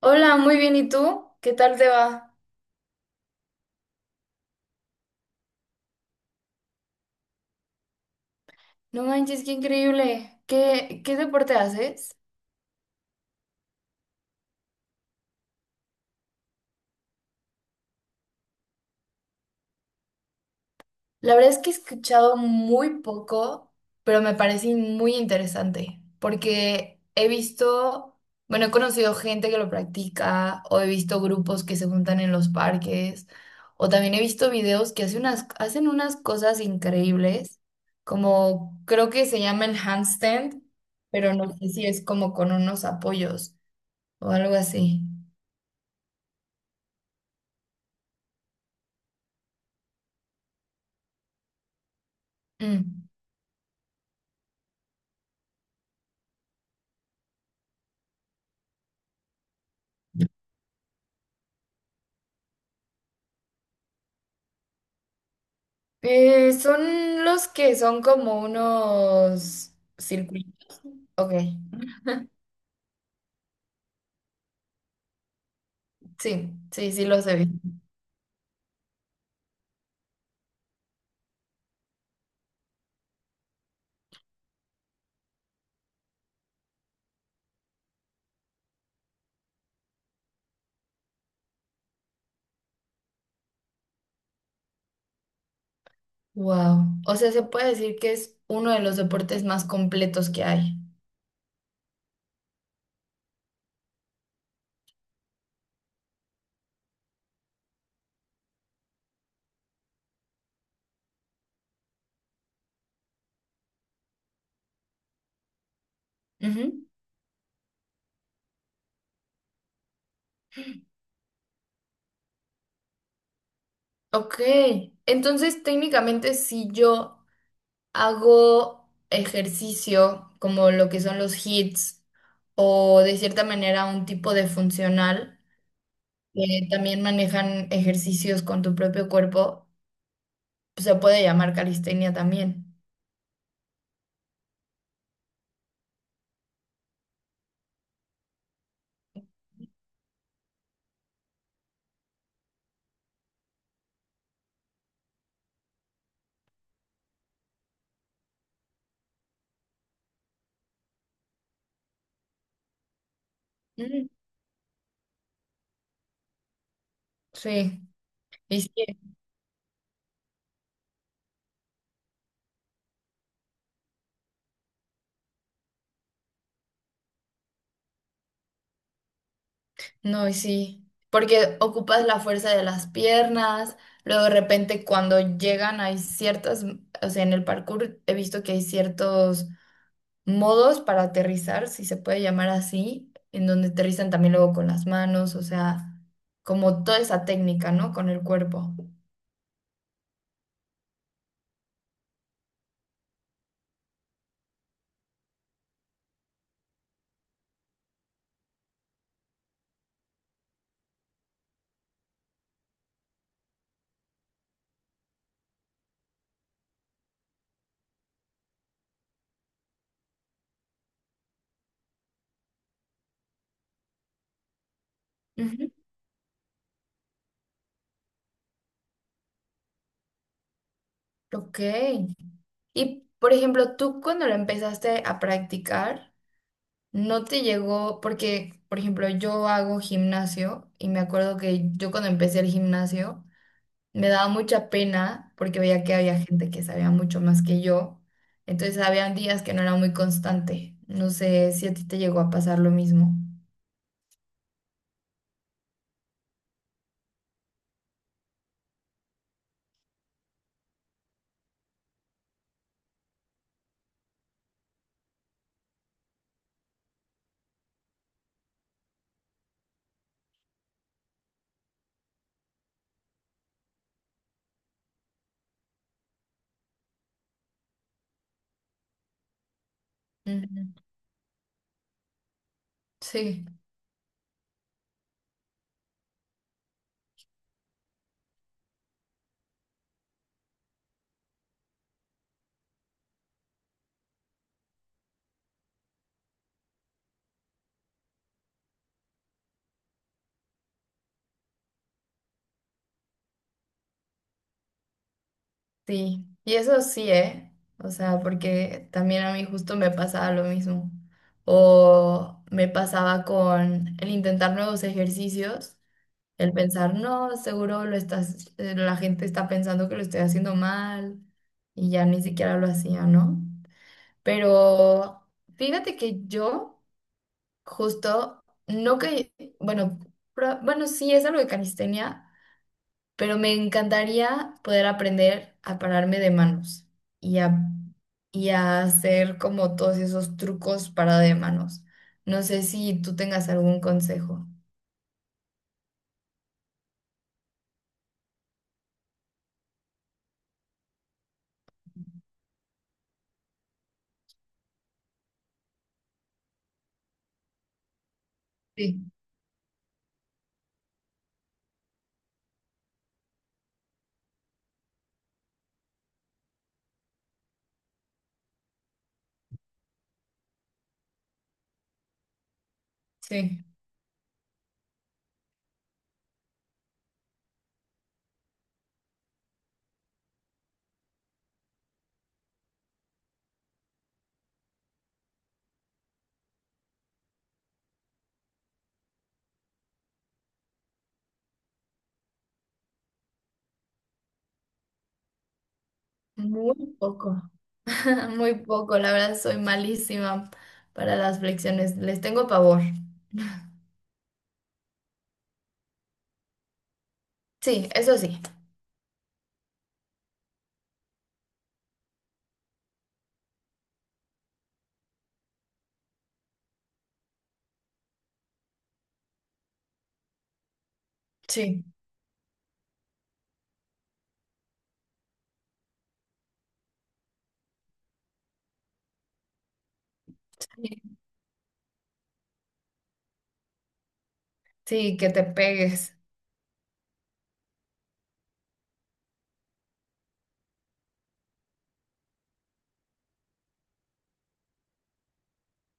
Hola, muy bien. ¿Y tú? ¿Qué tal te va? No manches, qué increíble. ¿Qué deporte haces? La verdad es que he escuchado muy poco, pero me parece muy interesante porque he visto, bueno, he conocido gente que lo practica o he visto grupos que se juntan en los parques o también he visto videos que hacen unas cosas increíbles, como creo que se llama el handstand, pero no sé si es como con unos apoyos o algo así. Mm. Son los que son como unos circuitos. Ok, sí, sí, sí los he visto. Wow. O sea, se puede decir que es uno de los deportes más completos que hay. Ujú. Ok, entonces técnicamente si yo hago ejercicio como lo que son los hits o de cierta manera un tipo de funcional, que también manejan ejercicios con tu propio cuerpo, se puede llamar calistenia también. Mm. Sí, y sí, no, y sí, porque ocupas la fuerza de las piernas, luego de repente cuando llegan hay ciertas, o sea, en el parkour he visto que hay ciertos modos para aterrizar, si se puede llamar así, en donde aterrizan también luego con las manos, o sea, como toda esa técnica, ¿no? Con el cuerpo. Ujú. Ok. Y, por ejemplo, tú cuando lo empezaste a practicar, no te llegó, porque, por ejemplo, yo hago gimnasio y me acuerdo que yo cuando empecé el gimnasio me daba mucha pena porque veía que había gente que sabía mucho más que yo. Entonces, habían días que no era muy constante. No sé si a ti te llegó a pasar lo mismo. Ujú. Sí, sí. Y eso sí, ¿eh? O sea, porque también a mí justo me pasaba lo mismo. O me pasaba con el intentar nuevos ejercicios. El pensar, no, seguro lo estás, la gente está pensando que lo estoy haciendo mal y ya ni siquiera lo hacía, ¿no? Pero fíjate que yo justo no que, bueno, bueno, sí es algo de calistenia, pero me encantaría poder aprender a pararme de manos y a, y a hacer como todos esos trucos para de manos. No sé si tú tengas algún consejo. Sí, sí, muy poco. Muy poco, la verdad soy malísima para las flexiones, les tengo pavor. Sí, eso sí, sí, sí, que te pegues,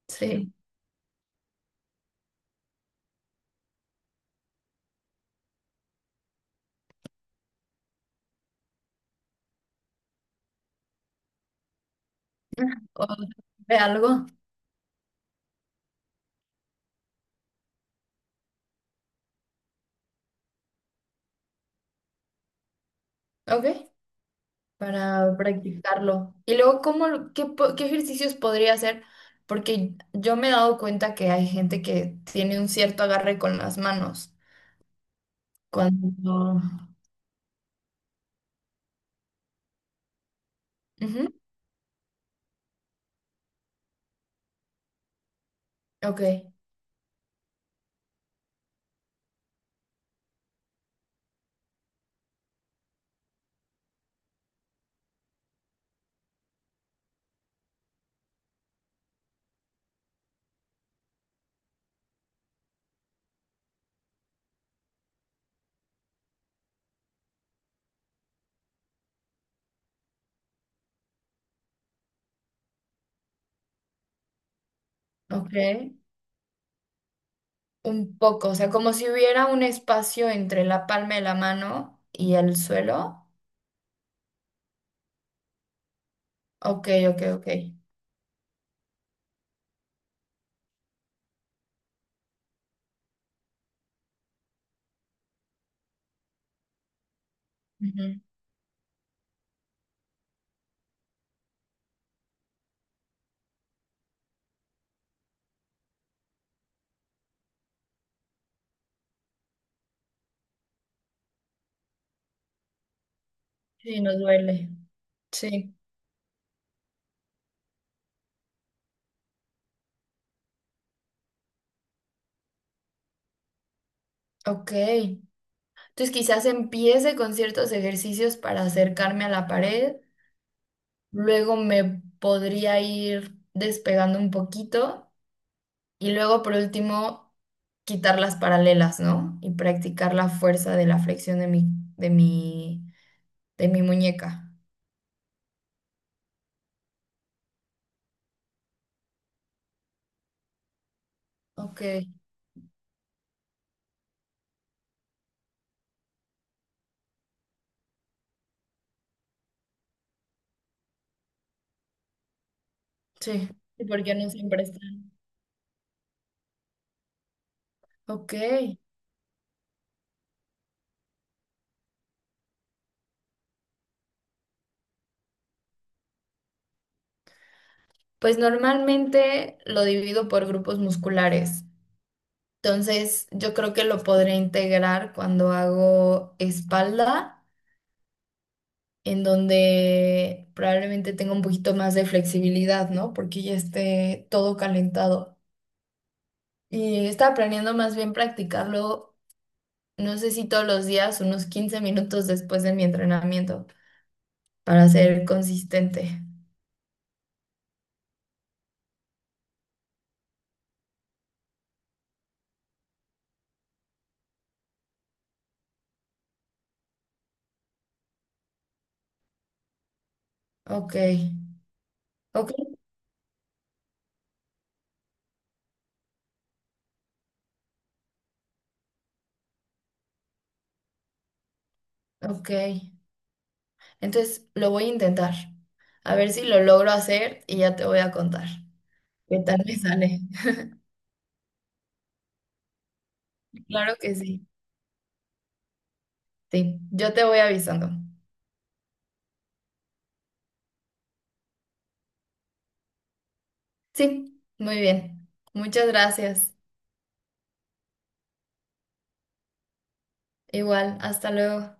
sí, o de algo, ¿ok? Para practicarlo. Y luego, ¿cómo, lo- qué, po- qué ejercicios podría hacer? Porque yo me he dado cuenta que hay gente que tiene un cierto agarre con las manos. Cuando... Ujú, ok, ok, un poco, o sea, como si hubiera un espacio entre la palma de la mano y el suelo. Ok, ok, ok. Ujú. Sí, nos duele. Sí, ok. Entonces quizás empiece con ciertos ejercicios para acercarme a la pared, luego me podría ir despegando un poquito y luego por último quitar las paralelas, ¿no? Y practicar la fuerza de la flexión de mi, de mi muñeca. Ok. Sí, sí, porque no siempre están. Ok. Pues normalmente lo divido por grupos musculares. Entonces, yo creo que lo podré integrar cuando hago espalda, en donde probablemente tenga un poquito más de flexibilidad, ¿no? Porque ya esté todo calentado. Y estaba planeando más bien practicarlo, no sé si todos los días, unos 15 minutos después de mi entrenamiento, para ser consistente. Ok, ok, ok. Entonces lo voy a intentar. A ver si lo logro hacer y ya te voy a contar qué tal me sale. Claro que sí. Sí, yo te voy avisando. Sí, muy bien. Muchas gracias. Igual, hasta luego.